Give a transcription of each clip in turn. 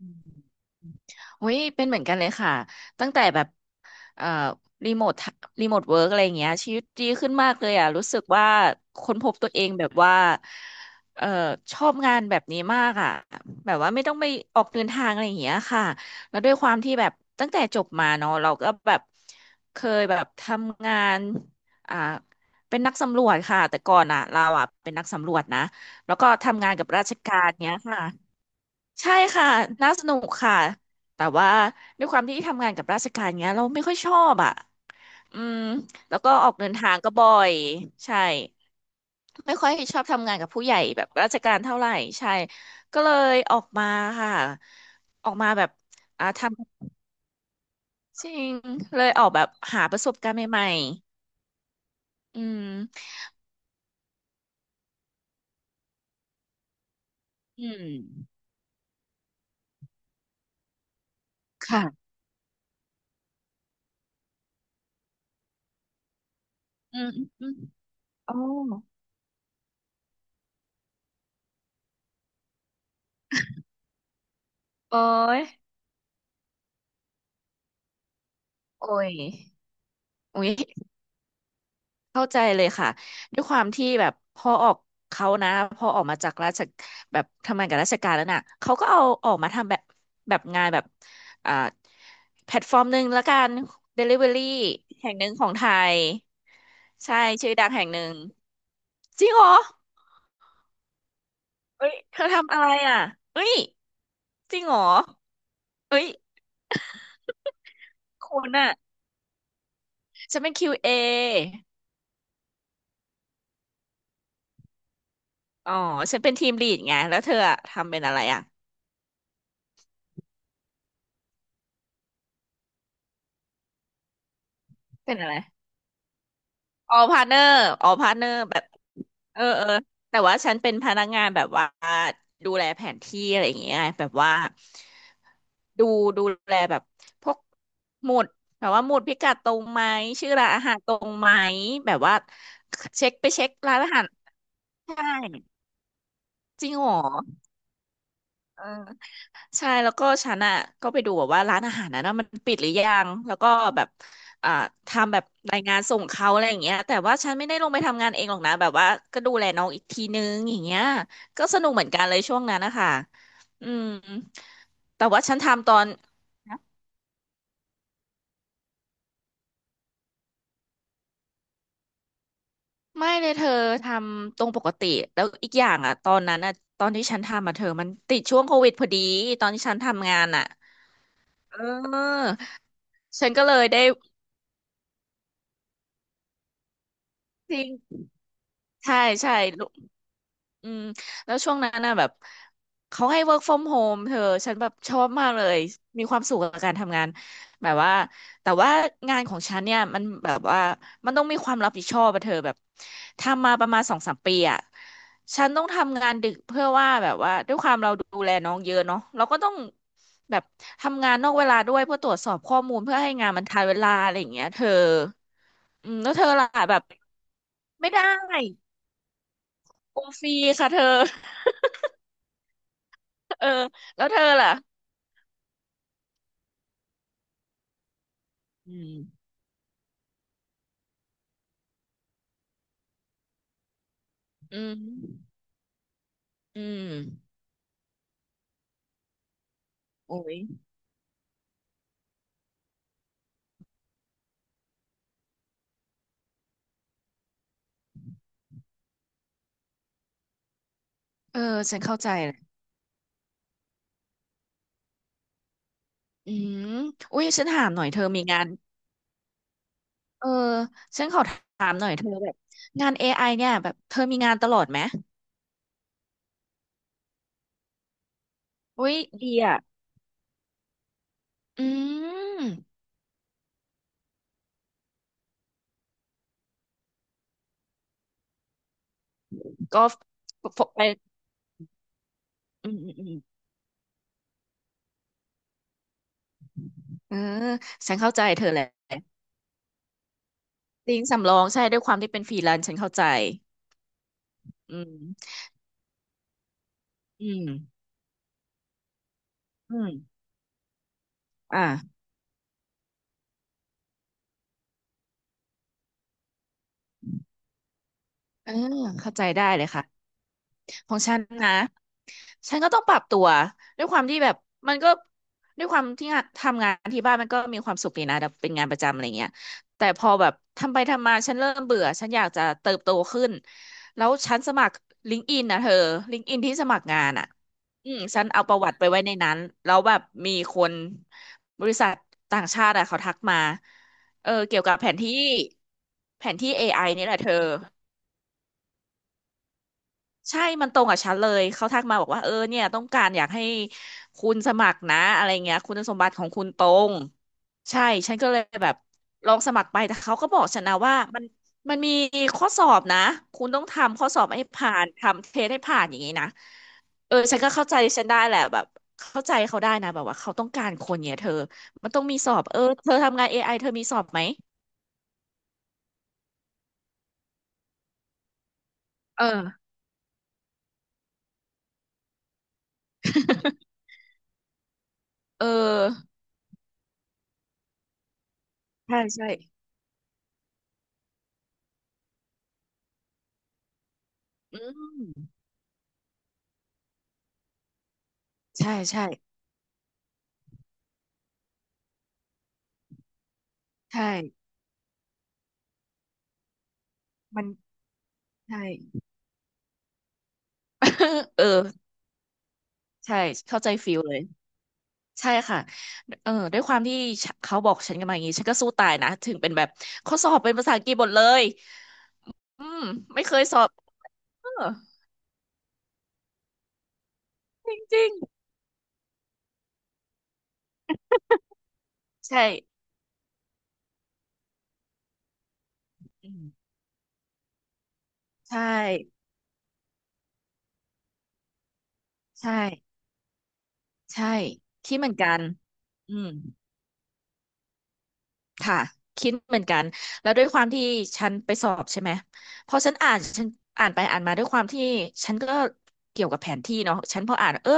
อืมโอ้ยเป็นเหมือนกันเลยค่ะตั้งแต่แบบเอ่อรีโมทรีโมทเวิร์กอะไรอย่างเงี้ยชีวิตดีขึ้นมากเลยอ่ะรู้สึกว่าค้นพบตัวเองแบบว่าเอ่อชอบงานแบบนี้มากอ่ะแบบว่าไม่ต้องไปออกเดินทางอะไรอย่างเงี้ยค่ะแล้วด้วยความที่แบบตั้งแต่จบมาเนาะเราก็แบบเคยแบบทำงานอ่าเป็นนักสำรวจค่ะแต่ก่อนอ่ะเราอ่ะเป็นนักสำรวจนะแล้วก็ทำงานกับราชการเนี้ยค่ะ ใช่ค่ะน่าสนุกค่ะแต่ว่าด้วยความที่ทำงานกับราชการเงี้ยเราไม่ค่อยชอบอ่ะอืมแล้วก็ออกเดินทางก็บ่อยใช่ไม่ค่อยชอบทำงานกับผู้ใหญ่แบบราชการเท่าไหร่ใช่ก็เลยออกมาค่ะออกมาแบบทำจริงเลยออกแบบหาประสบการณ์ใหม่ๆอืมอืมค่ะอืมอืมอมอ๋อโอ้ยโอ้ยโอ้ย เข้าใจเลยค่ะด้วยความที่แบบพอออกเขานะพอออกมาจากราชแบบทำงานกับราชการแล้วน่ะเขาก็เอาออกมาทำแบบแบบงานแบบอ่าแพลตฟอร์มหนึ่งแล้วกัน Delivery แห่งหนึ่งของไทยใช่ชื่อดังแห่งหนึ่งจริงเหรอเอ้ยเธอทำอะไรอ่ะเอ้ยจริงเหรอเอ้ยคุณอ่ะฉันเป็น QA ออ๋อฉันเป็นทีมลีดไงแล้วเธออะทำเป็นอะไรอ่ะเป็นอะไร ออพาร์เนอร์ออพาร์เนอร์แบบเออเออแต่ว่าฉันเป็นพนักงานแบบว่าดูแลแผนที่อะไรอย่างเงี้ยแบบว่าดูดูแลแบบพวกหมุดแบบว่าหมุดพิกัดตรงไหมชื่อร้านอาหารตรงไหมแบบว่าเช็คไปเช็คร้านอาหารใช่จริงเหรอเออ ใช่แล้วก็ฉันอ่ะก็ไปดูแบบว่าร้านอาหารนั้นว่ามันปิดหรือยังแล้วก็แบบอ่าทำแบบรายงานส่งเขาอะไรอย่างเงี้ยแต่ว่าฉันไม่ได้ลงไปทำงานเองหรอกนะแบบว่าก็ดูแลน้องอีกทีนึงอย่างเงี้ยก็สนุกเหมือนกันเลยช่วงนั้นนะคะอืมแต่ว่าฉันทำตอนไม่เลยเธอทำตรงปกติแล้วอีกอย่างอ่ะตอนนั้นอ่ะตอนที่ฉันทำอ่ะเธอมันติดช่วงโควิดพอดีตอนที่ฉันทำงานอ่ะเออฉันก็เลยได้จริงใช่ใช่ อืมแล้วช่วงนั้นน่ะแบบเขาให้ work from home เธอฉันแบบชอบมากเลยมีความสุขกับการทำงานแบบว่าแต่ว่างานของฉันเนี่ยมันแบบว่ามันต้องมีความรับผิดชอบอะเธอแบบทำมาประมาณสองสามปีอะฉันต้องทำงานดึกเพื่อว่าแบบว่าด้วยความเราดูแลน้องเยอะเนาะเราก็ต้องแบบทำงานนอกเวลาด้วยเพื่อตรวจสอบข้อมูลเพื่อให้งานมันทันเวลาอะไรอย่างเงี้ยเธออืมแล้วเธอล่ะแบบไม่ได้โอฟรีค่ะเธอ เออแล้วเธอล่ะอืมอืมอืมโอ้ยเออฉันเข้าใจแหละอืมอุ้ยฉันถามหน่อยเธอมีงานเออฉันขอถามหน่อยเธอแบบงาน AI เนี่ยแบบเธอมีงานตลอดไหมอุ้ยดีอ่ะอืมก็ฝไปอืมอืมอืมเออฉันเข้าใจเธอแหละจริงสำรองใช่ด้วยความที่เป็นฟรีแลนซ์ฉันเข้าใจอืมอืมอืมอ่าเออเข้าใจได้เลยค่ะของฉันนะ ฉันก็ต้องปรับตัวด้วยความที่แบบมันก็ด้วยความที่งานทำงานที่บ้านมันก็มีความสุขดีนะแบบเป็นงานประจำอะไรเงี้ยแต่พอแบบทำไปทำมาฉันเริ่มเบื่อฉันอยากจะเติบโตขึ้นแล้วฉันสมัครลิงก์อินนะเธอลิงก์อินที่สมัครงานอ่ะอืมฉันเอาประวัติไปไว้ในนั้นแล้วแบบมีคนบริษัทต่างชาติอะเขาทักมาเออเกี่ยวกับแผนที่แผนที่ AI นี่แหละเธอ ใช่มันตรงกับฉันเลย เขาทักมาบอกว่าเออเนี่ยต้องการอยากให้คุณสมัครนะอะไรเงี้ยคุณสมบัติของคุณตรงใช่ฉันก็เลยแบบลองสมัครไปแต่เขาก็บอกฉันนะว่ามันมีข้อสอบนะคุณต้องทำข้อสอบให้ผ่านทำเทสให้ผ่านอย่างนี้นะเออฉันก็เข้าใจฉันได้แหละแบบเข้าใจเขาได้นะแบบว่าเขาต้องการคนเนี่ยเธอมันต้องมีสอบเออเธอทำงาน AI เธอมีสอบไหม เออ เออใช่ใช่อืมใช่ใช่ใช่ มันใช่ เออใช่เข้าใจฟิลเลยใช่ค่ะเออด้วยความที่ฉะเขาบอกฉันกันมาอย่างนี้ฉันก็สู้ตายนะถึงเป็นแบบข้อสอบเป็นภาษาอังกฤษหมดเลยอืมไม่เคยสอบเออจริงๆใช่อืมใช่ใช่ใช่ที่เหมือนกันอืม ค่ะคิดเหมือนกันแล้วด้วยความที่ฉันไปสอบใช่ไหมพอฉันอ่านฉันอ่านไปอ่านมาด้วยความที่ฉันก็เกี่ยวกับแผนที่เนาะฉันพออ่าน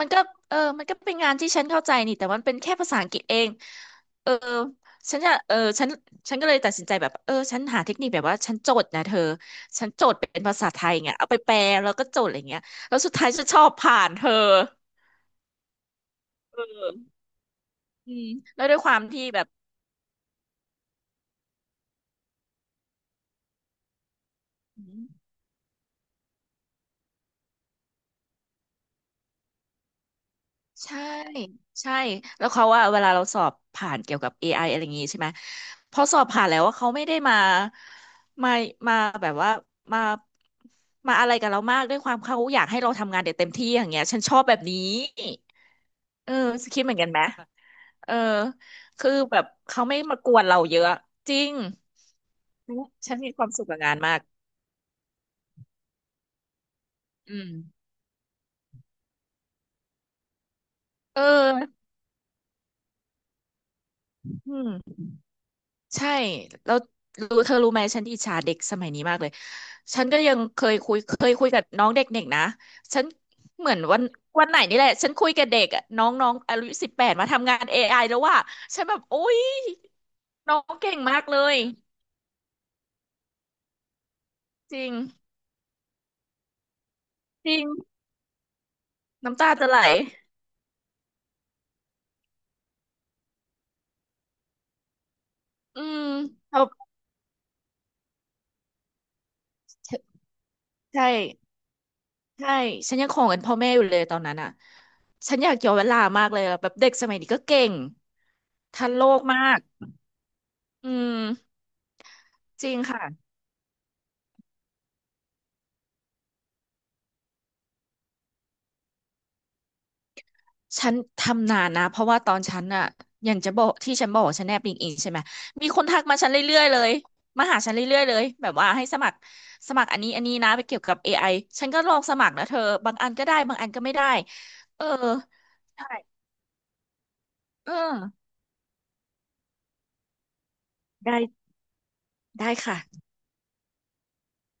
มันก็มันก็เป็นงานที่ฉันเข้าใจนี่แต่มันเป็นแค่ภาษาอังกฤษเองเออฉันจะเออฉันฉันก็เลยตัดสินใจแบบฉันหาเทคนิคแบบว่าฉันโจทย์นะเธอฉันโจทย์เป็นภาษาไทยเงี้ยเอาไปแปลแล้วก็โจทย์อะไรเงี้ยแล้วสุดท้ายฉันชอบผ่านเธอเอออืมแล้วด้วยความที่แบบ ใช่ใช่แล้วเขาว่าเวลาเราสอบผ่านเกี่ยวกับ AI อะไรอย่างงี้ใช่ไหมพอสอบผ่านแล้วว่าเขาไม่ได้มามาแบบว่ามามาอะไรกับเรามากด้วยความเขาอยากให้เราทำงานเด็ดเต็มที่อย่างเงี้ยฉันชอบแบบนี้เออคิดเหมือนกันไหมเออคือแบบเขาไม่มากวนเราเยอะจริงฉันมีความสุขกับงานมากอืมเอออืม ใช่แล้วรู้เธอรู้ไหมฉันอิจฉาเด็กสมัยนี้มากเลยฉันก็ยังเคยคุยกับน้องเด็กๆนะฉันเหมือนวันไหนนี่แหละฉันคุยกับเด็กอะน้องน้องอายุ18มาทำงาน AI แล้วว่าฉันแบบโอ๊ยน้องเก่งมากเลยจริงจริงน้ำตาจะไหลอืมเอาใช่ใช่ฉันยังของเงินพ่อแม่อยู่เลยตอนนั้นอ่ะฉันอยากย้อนเวลามากเลยอะแบบเด็กสมัยนี้ก็เก่งทันโลกมากอืมจริงค่ะ ฉันทำนานนะเพราะว่าตอนฉันอะอย่างจะบอกที่ฉันบอกว่าฉันแนบลิงก์อินใช่ไหมมีคนทักมาฉันเรื่อยๆเลยมาหาฉันเรื่อยๆเลยแบบว่าให้สมัครอันนี้อันนี้นะไปเกี่ยวกับ AI ฉันก็ลองสมัครนะเธอบางอันก็ได้บางอันก็ไม่ได้เออใช่เออได้ได้ค่ะ